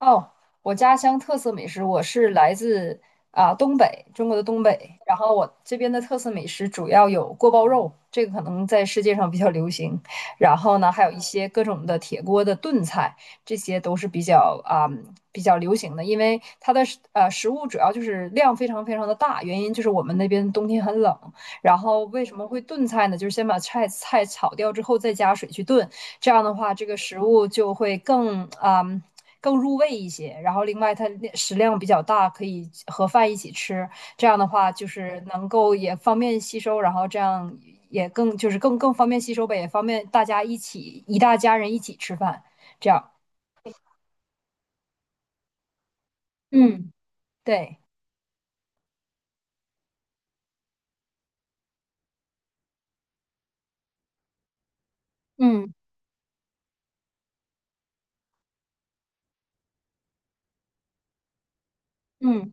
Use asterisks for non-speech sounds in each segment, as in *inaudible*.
哦，我家乡特色美食，我是来自东北，中国的东北。然后我这边的特色美食主要有锅包肉，这个可能在世界上比较流行。然后呢，还有一些各种的铁锅的炖菜，这些都是比较流行的。因为它的食物主要就是量非常非常的大，原因就是我们那边冬天很冷。然后为什么会炖菜呢？就是先把菜炒掉之后，再加水去炖，这样的话，这个食物就会更入味一些。然后另外它食量比较大，可以和饭一起吃。这样的话就是能够也方便吸收，然后这样也更就是更方便吸收呗，也方便大家一起一大家人一起吃饭。这样，嗯对。嗯嗯。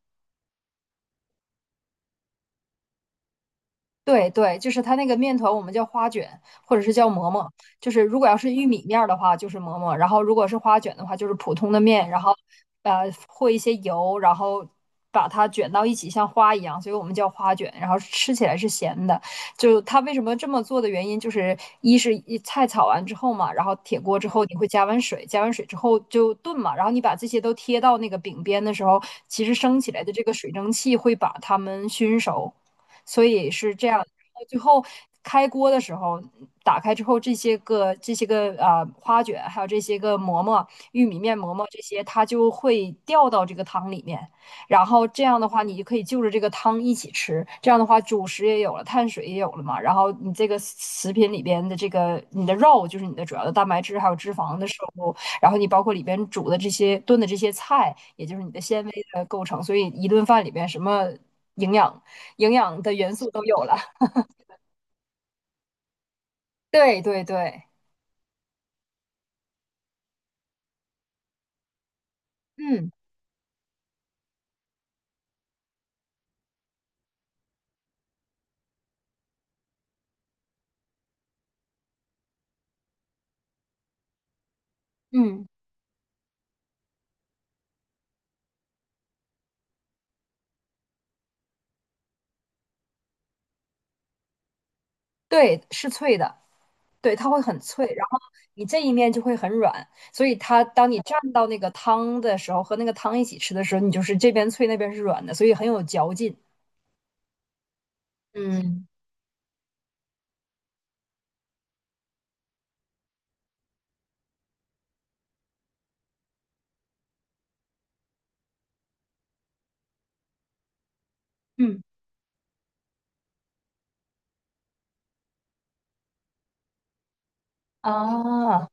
对对，就是它那个面团，我们叫花卷，或者是叫馍馍。就是如果要是玉米面儿的话，就是馍馍；然后如果是花卷的话，就是普通的面，然后和一些油，然后把它卷到一起，像花一样，所以我们叫花卷。然后吃起来是咸的。就它为什么这么做的原因，就是一是一菜炒完之后嘛，然后铁锅之后你会加完水，加完水之后就炖嘛，然后你把这些都贴到那个饼边的时候，其实升起来的这个水蒸气会把它们熏熟。所以是这样。到最后开锅的时候，打开之后这些个花卷，还有这些个馍馍、玉米面馍馍这些，它就会掉到这个汤里面。然后这样的话，你就可以就着这个汤一起吃。这样的话，主食也有了，碳水也有了嘛。然后你这个食品里边的这个你的肉，就是你的主要的蛋白质还有脂肪的摄入，然后你包括里边煮的这些炖的这些菜，也就是你的纤维的构成。所以一顿饭里边什么营养营养的元素都有了。*laughs* 对对对，嗯嗯，对，是脆的，对，它会很脆，然后你这一面就会很软，所以它当你蘸到那个汤的时候，和那个汤一起吃的时候，你就是这边脆那边是软的，所以很有嚼劲。嗯嗯啊，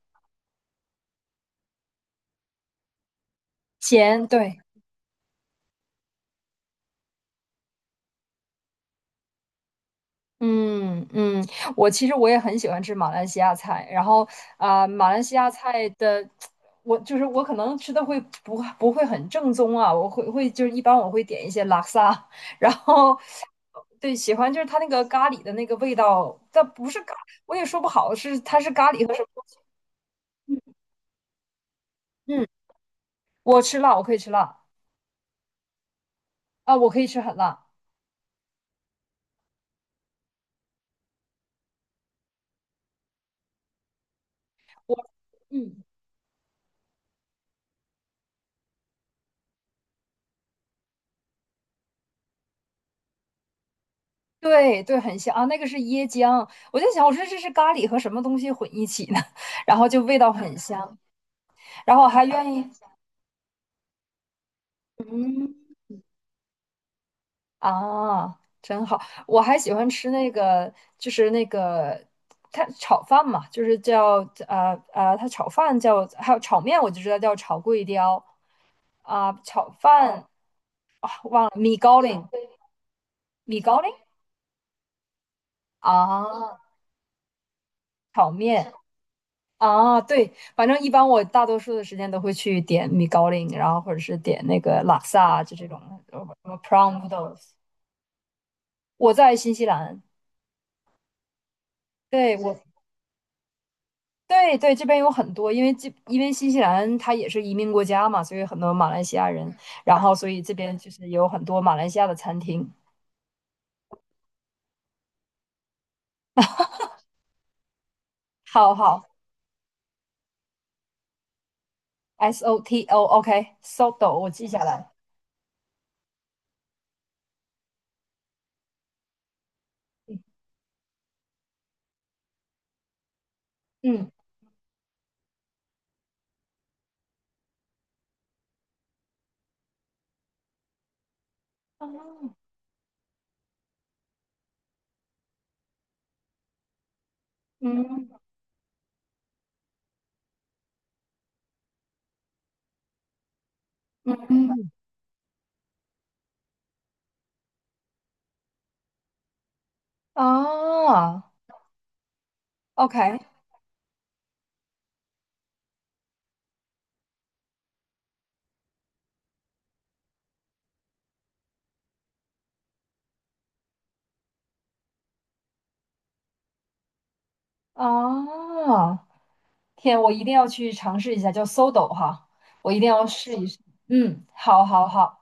咸，对嗯嗯，我其实我也很喜欢吃马来西亚菜，然后马来西亚菜的，我就是我可能吃的会不会很正宗啊，我会就是一般我会点一些拉萨，*laughs* 然后对喜欢就是它那个咖喱的那个味道，但不是咖，我也说不好是它是咖喱和什么东西。嗯，嗯我吃辣，我可以吃辣啊，我可以吃很辣，我嗯。对对，很香啊，那个是椰浆。我就想，我说这是咖喱和什么东西混一起呢？*laughs* 然后就味道很香，然后我还愿意啊，真好。我还喜欢吃那个，就是那个它炒饭嘛，就是叫，它炒饭叫，还有炒面，我就知道叫炒桂雕、炒饭忘了米糕林啊，炒面。啊，对，反正一般我大多数的时间都会去点米高林，然后或者是点那个拉萨，就这种什么 p r a w o o d l s 我在新西兰，对我对对这边有很多，因为新西兰它也是移民国家嘛，所以很多马来西亚人，然后所以这边就是有很多马来西亚的餐厅。好好，SOTO，OK，Soto，我记下来。嗯嗯嗯嗯啊，OK 啊。天，我一定要去尝试一下，叫 SODO 哈，我一定要试一试。嗯，好，好，好，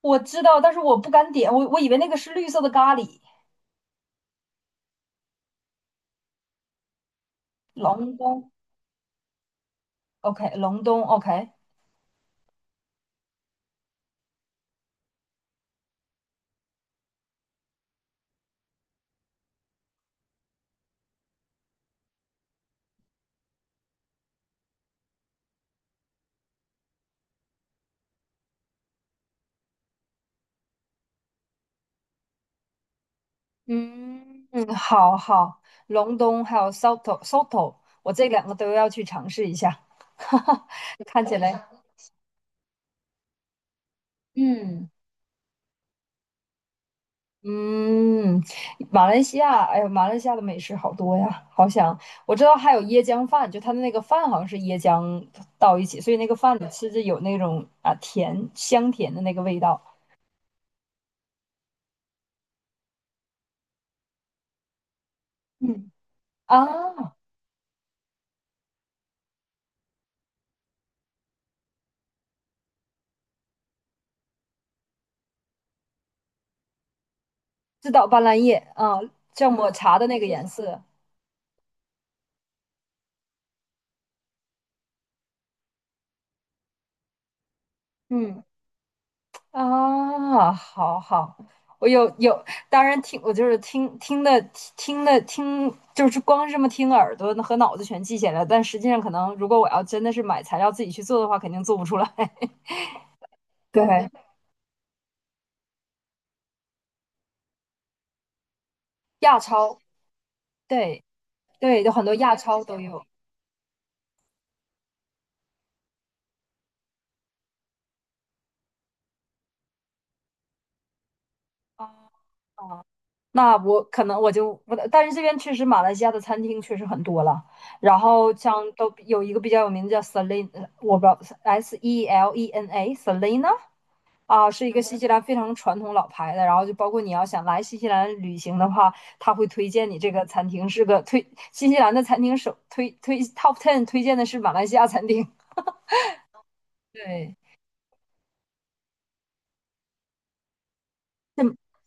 我知道，但是我不敢点，我以为那个是绿色的咖喱，隆冬，OK，隆冬，OK，嗯，嗯，好好，隆冬还有 Soto，我这两个都要去尝试一下，*laughs* 哈哈，看起来，嗯。嗯，马来西亚，哎呦，马来西亚的美食好多呀，好想，我知道还有椰浆饭，就它的那个饭好像是椰浆到一起，所以那个饭你吃着有那种啊甜香甜的那个味道嗯啊，知道斑斓叶啊，像抹茶的那个颜色，嗯。啊，好好，我有，当然听，我就是听听的听的听，就是光是这么听耳朵和脑子全记下来，但实际上可能如果我要真的是买材料自己去做的话，肯定做不出来。*laughs* 对，亚超，对对，有很多亚超都有啊。那我可能我，但是这边确实马来西亚的餐厅确实很多了。然后像都有一个比较有名的叫 Selena，我不知道 S E L E N A Selena 啊，是一个新西兰非常传统老牌的，然后就包括你要想来新西兰旅行的话，他会推荐你这个餐厅是个推新西兰的餐厅首推 top ten 推荐的是马来西亚餐厅，*laughs* 对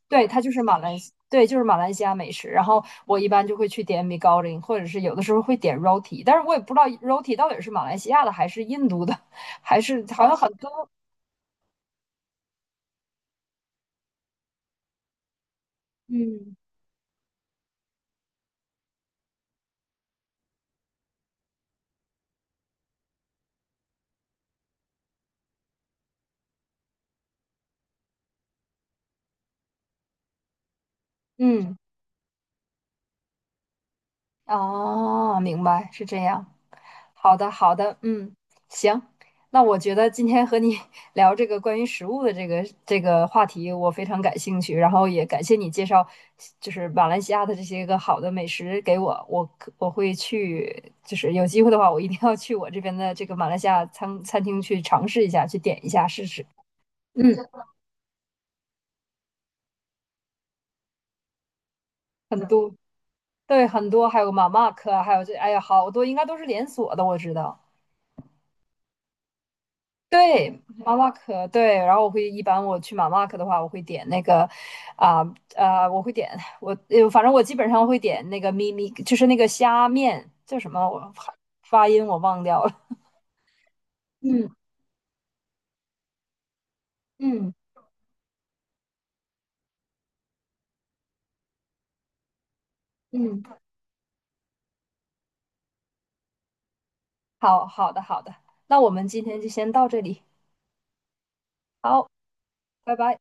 对，它就是马来西对就是马来西亚美食，然后我一般就会去点米糕林，或者是有的时候会点 roti，但是我也不知道 roti 到底是马来西亚的还是印度的，还是好像很多嗯嗯。哦，明白，是这样。好的，好的，嗯，行。那我觉得今天和你 *laughs* 聊这个关于食物的这个话题，我非常感兴趣，然后也感谢你介绍，就是马来西亚的这些个好的美食给我，我会去，就是有机会的话，我一定要去我这边的这个马来西亚餐厅去尝试一下，去点一下试试。嗯，很多，对，很多，还有马马克，还有这，哎呀，好多应该都是连锁的，我知道。对，马马可，对，然后我会一般我去马马可的话，我会点那个，啊、我会点我，反正我基本上会点那个咪咪，就是那个虾面，叫什么？我发音我忘掉了。嗯嗯嗯，好好的好的，那我们今天就先到这里，好，拜拜。